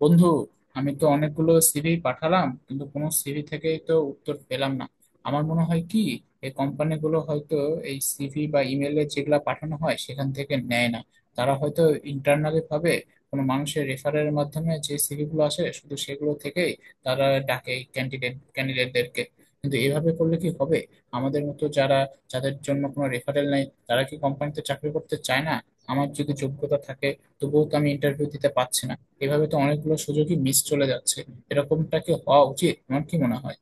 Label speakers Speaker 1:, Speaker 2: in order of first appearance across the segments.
Speaker 1: বন্ধু, আমি তো অনেকগুলো সিভি পাঠালাম, কিন্তু কোনো সিভি থেকে তো উত্তর পেলাম না। আমার মনে হয় কি, এই কোম্পানিগুলো হয়তো এই সিভি বা ইমেলে যেগুলা পাঠানো হয় সেখান থেকে নেয় না। তারা হয়তো ইন্টারনালি ভাবে কোনো মানুষের রেফারের মাধ্যমে যে সিভি গুলো আসে শুধু সেগুলো থেকেই তারা ডাকে ক্যান্ডিডেট ক্যান্ডিডেটদেরকে। কিন্তু এভাবে করলে কি হবে? আমাদের মতো যারা, যাদের জন্য কোনো রেফারেল নেই, তারা কি কোম্পানিতে চাকরি করতে চায় না? আমার যদি যোগ্যতা থাকে, তবুও তো আমি ইন্টারভিউ দিতে পারছি না। এভাবে তো অনেকগুলো সুযোগই মিস চলে যাচ্ছে। এরকমটা কি হওয়া উচিত? তোমার কি মনে হয়?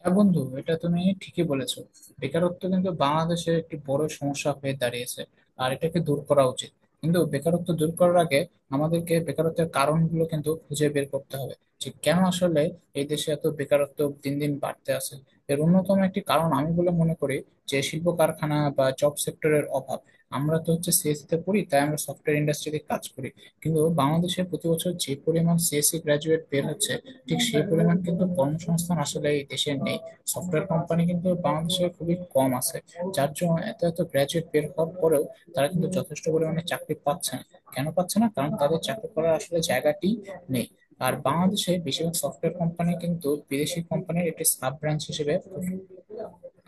Speaker 1: হ্যাঁ বন্ধু, এটা তুমি ঠিকই বলেছো। বেকারত্ব কিন্তু বাংলাদেশে একটি বড় সমস্যা হয়ে দাঁড়িয়েছে, আর এটাকে দূর করা উচিত। কিন্তু বেকারত্ব দূর করার আগে আমাদেরকে বেকারত্বের কারণগুলো কিন্তু খুঁজে বের করতে হবে, যে কেন আসলে এই দেশে এত বেকারত্ব দিন দিন বাড়তে আছে। এর অন্যতম একটি কারণ আমি বলে মনে করি, যে শিল্প কারখানা বা জব সেক্টরের অভাব। আমরা তো হচ্ছে সিএসসি তে পড়ি, তাই আমরা সফটওয়্যার ইন্ডাস্ট্রিতে কাজ করি। কিন্তু বাংলাদেশে প্রতি বছর যে পরিমাণ সিএসসি গ্রাজুয়েট বের হচ্ছে, ঠিক সেই পরিমাণ কিন্তু কর্মসংস্থান আসলে এই দেশে নেই। সফটওয়্যার কোম্পানি কিন্তু বাংলাদেশে খুবই কম আছে, যার জন্য এত এত গ্র্যাজুয়েট বের হওয়ার পরেও তারা কিন্তু যথেষ্ট পরিমাণে চাকরি পাচ্ছে না। কেন পাচ্ছে না? কারণ তাদের চাকরি করার আসলে জায়গাটি নেই। আর বাংলাদেশে বেশিরভাগ সফটওয়্যার কোম্পানি কিন্তু বিদেশি কোম্পানির একটি সাব ব্রাঞ্চ হিসেবে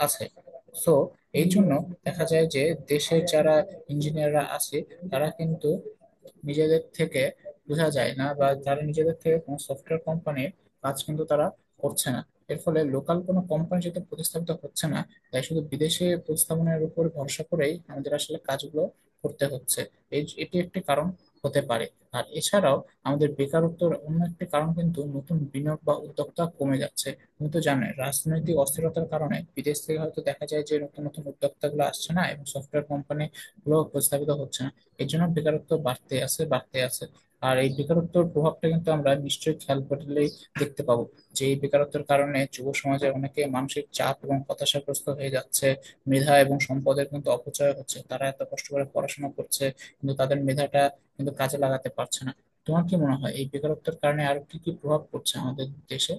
Speaker 1: আছে। সো এই জন্য দেখা যায় যে দেশের যারা ইঞ্জিনিয়াররা আছে তারা কিন্তু নিজেদের থেকে বোঝা যায় না, বা যারা নিজেদের থেকে কোনো সফটওয়্যার কোম্পানির কাজ কিন্তু তারা করছে না। এর ফলে লোকাল কোনো কোম্পানি যেহেতু প্রতিস্থাপিত হচ্ছে না, তাই শুধু বিদেশে প্রতিস্থাপনের উপর ভরসা করেই আমাদের আসলে কাজগুলো করতে হচ্ছে। এটি একটি কারণ হতে পারে। আর এছাড়াও আমাদের বেকারত্বের অন্য একটি কারণ কিন্তু নতুন বিনিয়োগ বা উদ্যোক্তা কমে যাচ্ছে। তুমি তো জানোই, রাজনৈতিক অস্থিরতার কারণে বিদেশ থেকে হয়তো দেখা যায় যে নতুন নতুন উদ্যোক্তাগুলো আসছে না, এবং সফটওয়্যার কোম্পানি গুলো প্রস্তাবিত হচ্ছে না। এই জন্য বেকারত্ব বাড়তে আছে বাড়তে আছে। আর এই বেকারত্বের প্রভাবটা কিন্তু আমরা নিশ্চয়ই খেয়াল করলেই দেখতে পাবো, যে এই বেকারত্বের কারণে যুব সমাজে অনেকে মানসিক চাপ এবং হতাশাগ্রস্ত হয়ে যাচ্ছে। মেধা এবং সম্পদের কিন্তু অপচয় হচ্ছে। তারা এত কষ্ট করে পড়াশোনা করছে, কিন্তু তাদের মেধাটা কিন্তু কাজে লাগাতে পারছে না। তোমার কি মনে হয় এই বেকারত্বের কারণে আর কি কি প্রভাব পড়ছে আমাদের দেশে?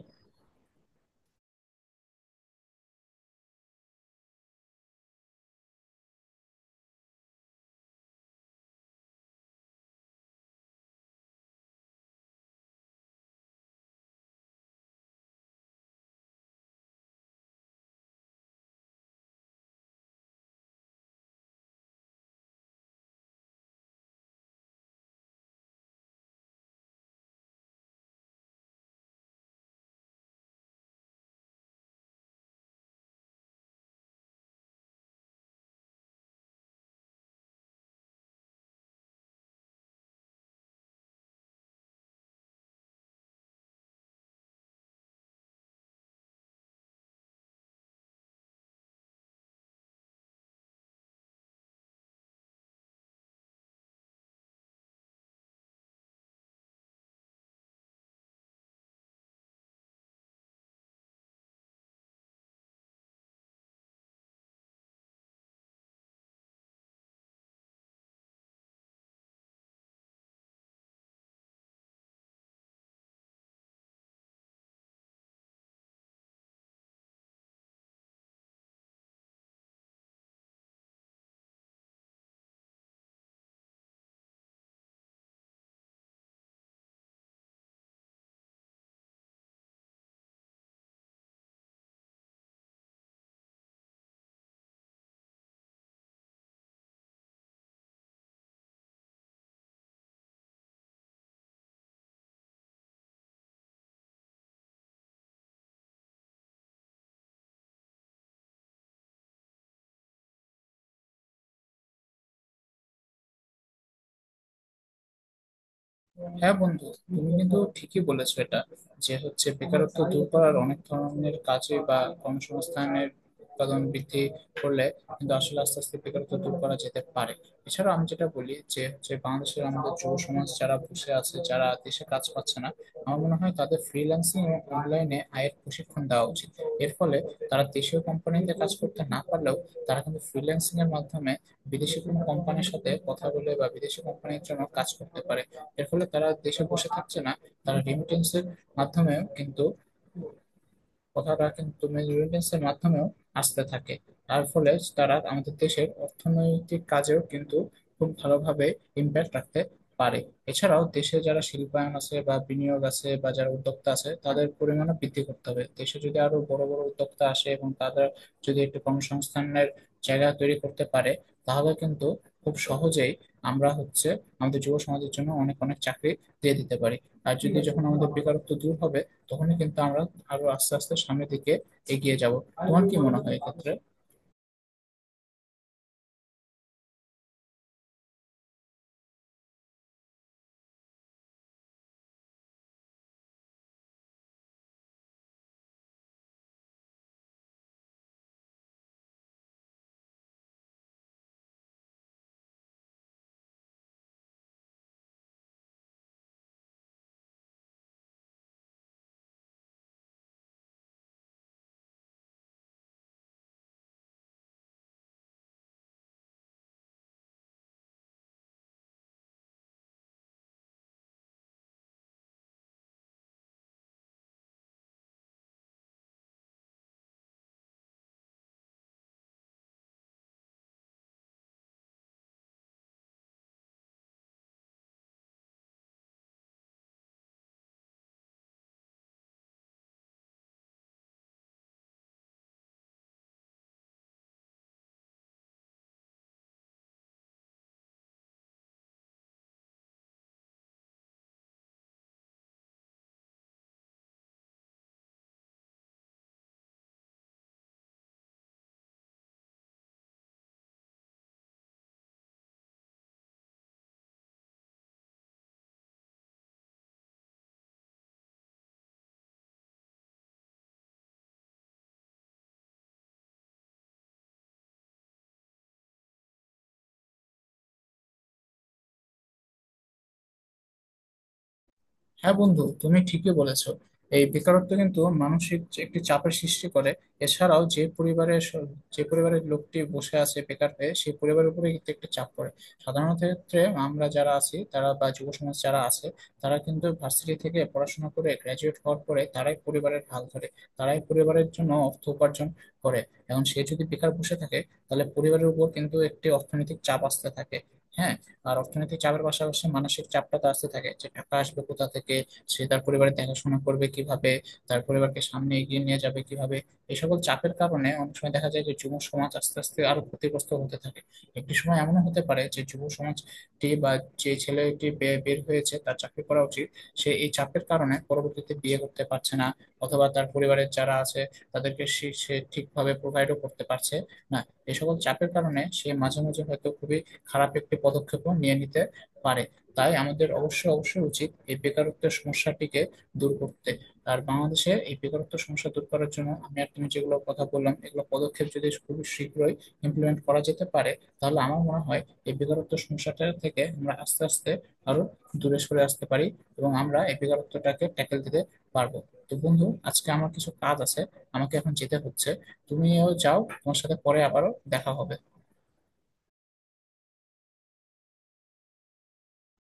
Speaker 1: হ্যাঁ বন্ধু, তুমি কিন্তু ঠিকই বলেছো এটা। যে হচ্ছে বেকারত্ব দূর করার অনেক ধরনের কাজে বা কর্মসংস্থানের উৎপাদন বৃদ্ধি করলে কিন্তু আসলে আস্তে আস্তে বেকারত্ব দূর করা যেতে পারে। এছাড়া আমি যেটা বলি যে হচ্ছে, বাংলাদেশের আমাদের যুব সমাজ যারা বসে আছে, যারা দেশে কাজ পাচ্ছে না, আমার মনে হয় তাদের ফ্রিল্যান্সিং এবং অনলাইনে আয়ের প্রশিক্ষণ দেওয়া উচিত। এর ফলে তারা দেশীয় কোম্পানিতে কাজ করতে না পারলেও, তারা কিন্তু ফ্রিল্যান্সিং এর মাধ্যমে বিদেশি কোনো কোম্পানির সাথে কথা বলে বা বিদেশি কোম্পানির জন্য কাজ করতে পারে। এর ফলে তারা দেশে বসে থাকছে না। তারা রেমিটেন্সের মাধ্যমেও কিন্তু, কথাটা কিন্তু রেমিটেন্সের মাধ্যমেও আসতে থাকে। তার ফলে তারা আমাদের দেশের অর্থনৈতিক কাজেও কিন্তু খুব ভালোভাবে ইম্প্যাক্ট রাখতে পারে। এছাড়াও দেশে যারা শিল্পায়ন আছে বা বিনিয়োগ আছে বা যারা উদ্যোক্তা আছে তাদের পরিমাণও বৃদ্ধি করতে হবে। দেশে যদি আরো বড় বড় উদ্যোক্তা আসে, এবং তাদের যদি একটু কর্মসংস্থানের জায়গা তৈরি করতে পারে, তাহলে কিন্তু খুব সহজেই আমরা হচ্ছে আমাদের যুব সমাজের জন্য অনেক অনেক চাকরি দিয়ে দিতে পারি। আর যদি যখন আমাদের বেকারত্ব দূর হবে, তখনই কিন্তু আমরা আরো আস্তে আস্তে সামনের দিকে এগিয়ে যাব। তোমার কি মনে হয় এক্ষেত্রে? হ্যাঁ বন্ধু, তুমি ঠিকই বলেছো। এই বেকারত্ব কিন্তু মানসিক যে একটি চাপের সৃষ্টি করে। এছাড়াও যে পরিবারের যে পরিবারের লোকটি বসে আছে বেকার হয়ে, সেই পরিবারের উপরে কিন্তু একটা চাপ পড়ে। সাধারণত ক্ষেত্রে আমরা যারা আছি তারা বা যুব সমাজ যারা আছে, তারা কিন্তু ভার্সিটি থেকে পড়াশোনা করে গ্রাজুয়েট হওয়ার পরে তারাই পরিবারের হাল ধরে, তারাই পরিবারের জন্য অর্থ উপার্জন করে। এখন সে যদি বেকার বসে থাকে, তাহলে পরিবারের উপর কিন্তু একটি অর্থনৈতিক চাপ আসতে থাকে। হ্যাঁ, আর অর্থনৈতিক চাপের পাশাপাশি মানসিক চাপটা তো আসতে থাকে, যে টাকা আসবে কোথা থেকে, সে তার পরিবারের দেখাশোনা করবে কিভাবে, তার পরিবারকে সামনে এগিয়ে নিয়ে যাবে কিভাবে। এই সকল চাপের কারণে অনেক সময় দেখা যায় যে যুব সমাজ আস্তে আস্তে আরো ক্ষতিগ্রস্ত হতে থাকে। একটি সময় এমনও হতে পারে যে যুব সমাজটি বা যে ছেলেটি বের হয়েছে, তার চাকরি করা উচিত, সে এই চাপের কারণে পরবর্তীতে বিয়ে করতে পারছে না। অথবা তার পরিবারের যারা আছে, তাদেরকে সে সে ঠিকভাবে প্রোভাইডও করতে পারছে না। এই সকল চাপের কারণে সে মাঝে মাঝে হয়তো খুবই খারাপ একটি পদক্ষেপও নিয়ে নিতে পারে। তাই আমাদের অবশ্যই অবশ্যই উচিত এই বেকারত্বের সমস্যাটিকে দূর করতে। আর বাংলাদেশে এই বেকারত্ব সমস্যা দূর করার জন্য আমি আর তুমি যেগুলো কথা বললাম, এগুলো পদক্ষেপ যদি খুবই শীঘ্রই ইমপ্লিমেন্ট করা যেতে পারে, তাহলে আমার মনে হয় এই বেকারত্ব সমস্যাটা থেকে আমরা আস্তে আস্তে আরো দূরে সরে আসতে পারি, এবং আমরা এই বেকারত্বটাকে ট্যাকেল দিতে পারবো। তো বন্ধু, আজকে আমার কিছু কাজ আছে, আমাকে এখন যেতে হচ্ছে। তুমিও যাও, তোমার সাথে পরে আবারও দেখা হবে।